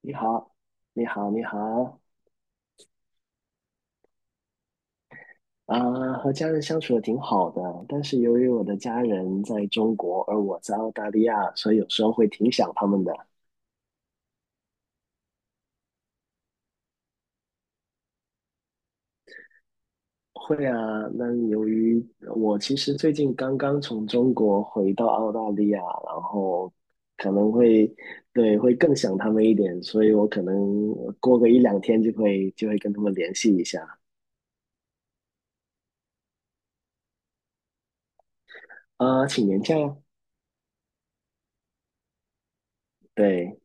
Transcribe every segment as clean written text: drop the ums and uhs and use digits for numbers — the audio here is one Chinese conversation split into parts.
你好，你好，你好，啊、和家人相处的挺好的，但是由于我的家人在中国，而我在澳大利亚，所以有时候会挺想他们的。会啊，那由于我其实最近刚刚从中国回到澳大利亚，然后可能会，对，会更想他们一点，所以我可能过个一两天就会跟他们联系一下。请年假呀，对。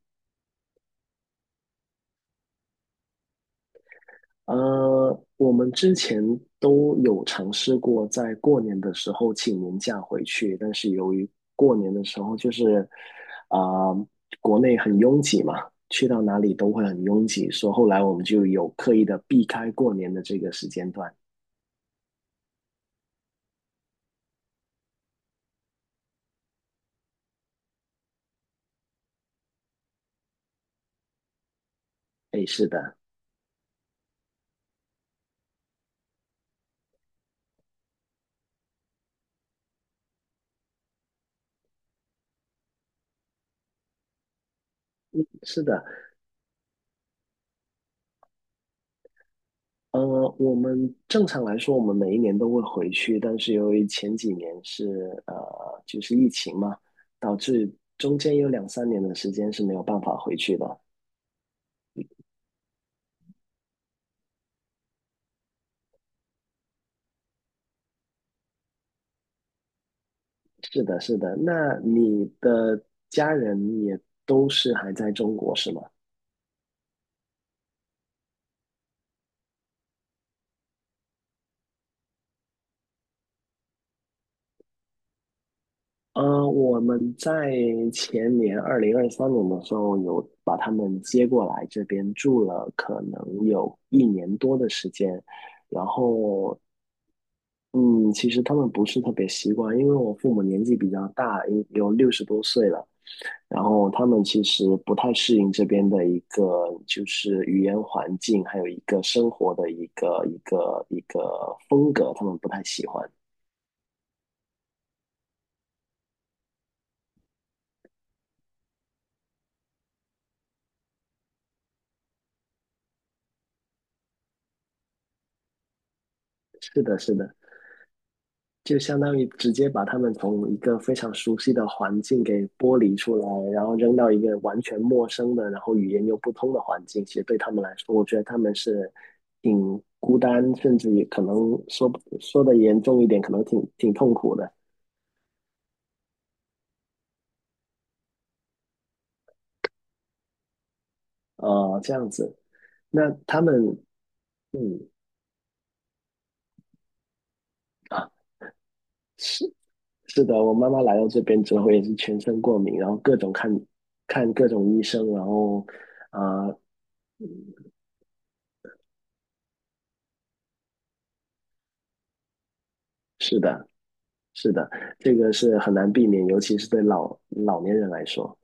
我们之前都有尝试过在过年的时候请年假回去，但是由于过年的时候就是，啊、国内很拥挤嘛，去到哪里都会很拥挤，所以后来我们就有刻意的避开过年的这个时间段。哎，是的，是的，呃，我们正常来说，我们每一年都会回去，但是由于前几年是就是疫情嘛，导致中间有两三年的时间是没有办法回去的。是的，是的。那你的家人也都是还在中国是吗？我们在前年2023年的时候，有把他们接过来这边住了，可能有一年多的时间。然后，嗯，其实他们不是特别习惯，因为我父母年纪比较大，有60多岁了。然后他们其实不太适应这边的一个就是语言环境，还有一个生活的一个风格，他们不太喜欢。是的，是的，就相当于直接把他们从一个非常熟悉的环境给剥离出来，然后扔到一个完全陌生的，然后语言又不通的环境。其实对他们来说，我觉得他们是挺孤单，甚至也可能说说的严重一点，可能挺痛苦的。这样子，那他们。嗯，啊，是是的，我妈妈来到这边之后也是全身过敏，然后各种看看各种医生，然后啊、呃是的，是的，这个是很难避免，尤其是对老年人来说。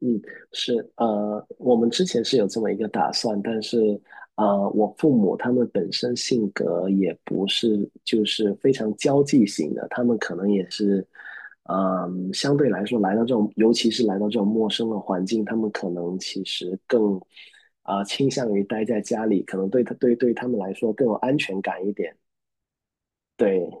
嗯，是，我们之前是有这么一个打算，但是，我父母他们本身性格也不是就是非常交际型的，他们可能也是，相对来说来到这种，尤其是来到这种陌生的环境，他们可能其实更，倾向于待在家里，可能对他对对他们来说更有安全感一点，对。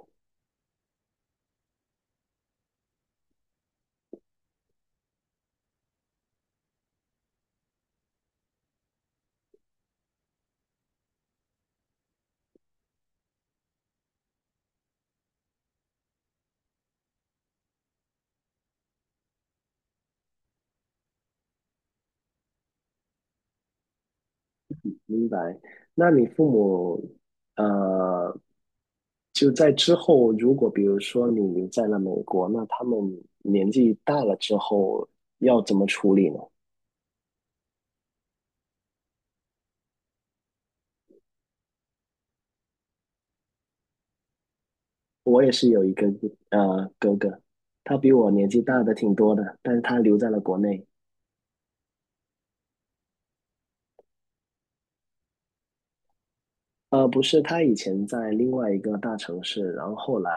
明白。那你父母，呃，就在之后，如果比如说你留在了美国，那他们年纪大了之后要怎么处理呢？我也是有一个哥哥，他比我年纪大的挺多的，但是他留在了国内。不是，他以前在另外一个大城市，然后后来，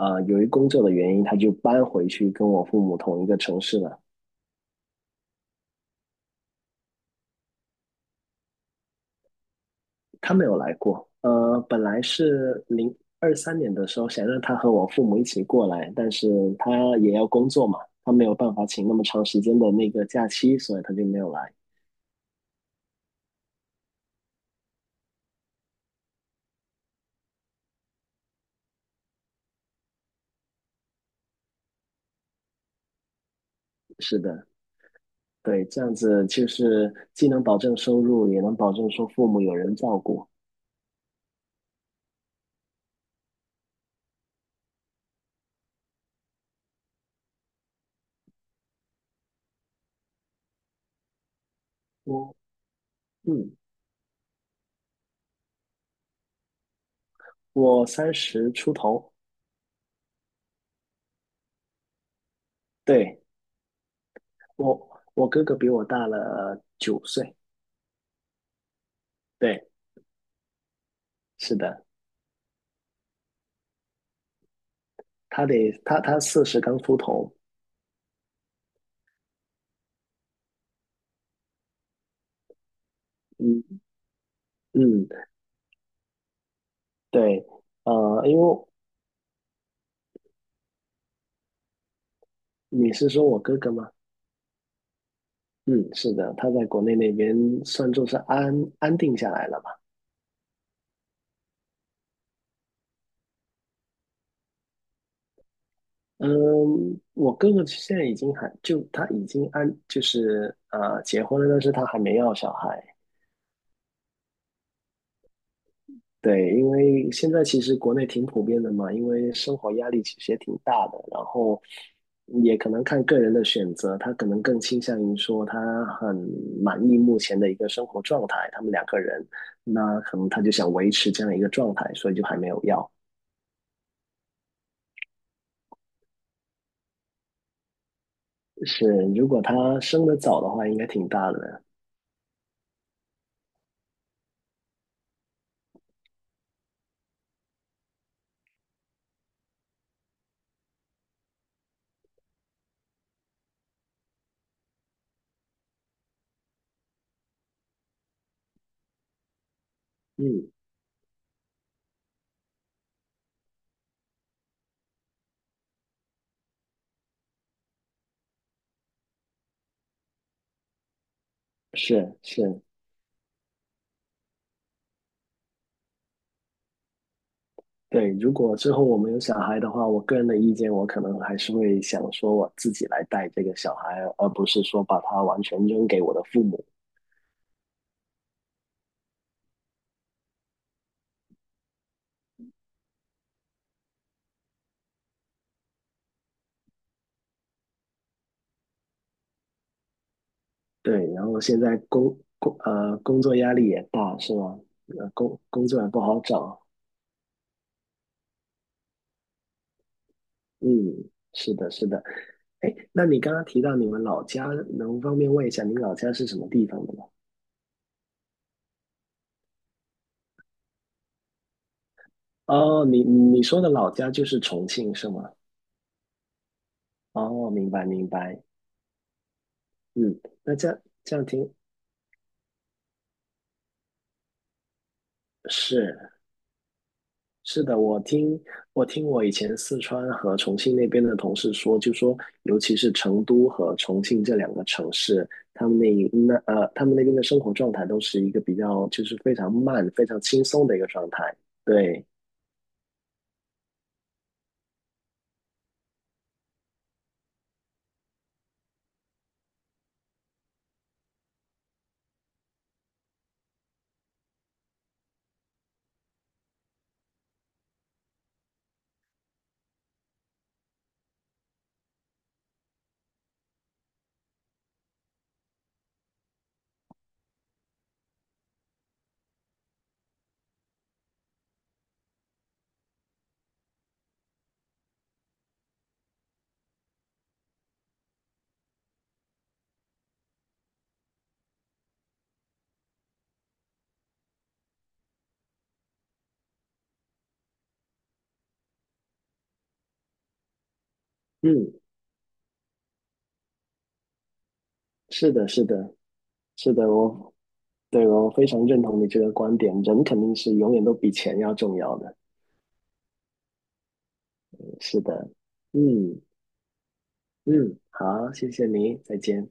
由于工作的原因，他就搬回去跟我父母同一个城市了。他没有来过。本来是零二三年的时候想让他和我父母一起过来，但是他也要工作嘛，他没有办法请那么长时间的那个假期，所以他就没有来。是的，对，这样子就是既能保证收入，也能保证说父母有人照顾。我嗯，我30出头，对，我哥哥比我大了9岁，对，是的，他得他他40刚出头，嗯嗯，对，因为你是说我哥哥吗？嗯，是的，他在国内那边算作是安定下来了吧？嗯，我哥哥现在已经就是结婚了，但是他还没要小孩。对，因为现在其实国内挺普遍的嘛，因为生活压力其实也挺大的，然后也可能看个人的选择，他可能更倾向于说他很满意目前的一个生活状态，他们两个人，那可能他就想维持这样一个状态，所以就还没有要。是，如果他生的早的话，应该挺大的。嗯，是是，对，如果之后我们有小孩的话，我个人的意见，我可能还是会想说我自己来带这个小孩，而不是说把他完全扔给我的父母。对，然后现在工作压力也大，是吗？工作也不好找。嗯，是的，是的。哎，那你刚刚提到你们老家，能方便问一下你老家是什么地方的吗？哦，你说的老家就是重庆是吗？哦，明白明白。嗯，那这样听是。是的，我听我以前四川和重庆那边的同事说，就说尤其是成都和重庆这两个城市，他们那边的生活状态都是一个比较就是非常慢、非常轻松的一个状态。对，嗯，是的，是的，是的哦，我非常认同你这个观点，人肯定是永远都比钱要重要的。是的，嗯嗯，好，谢谢你，再见。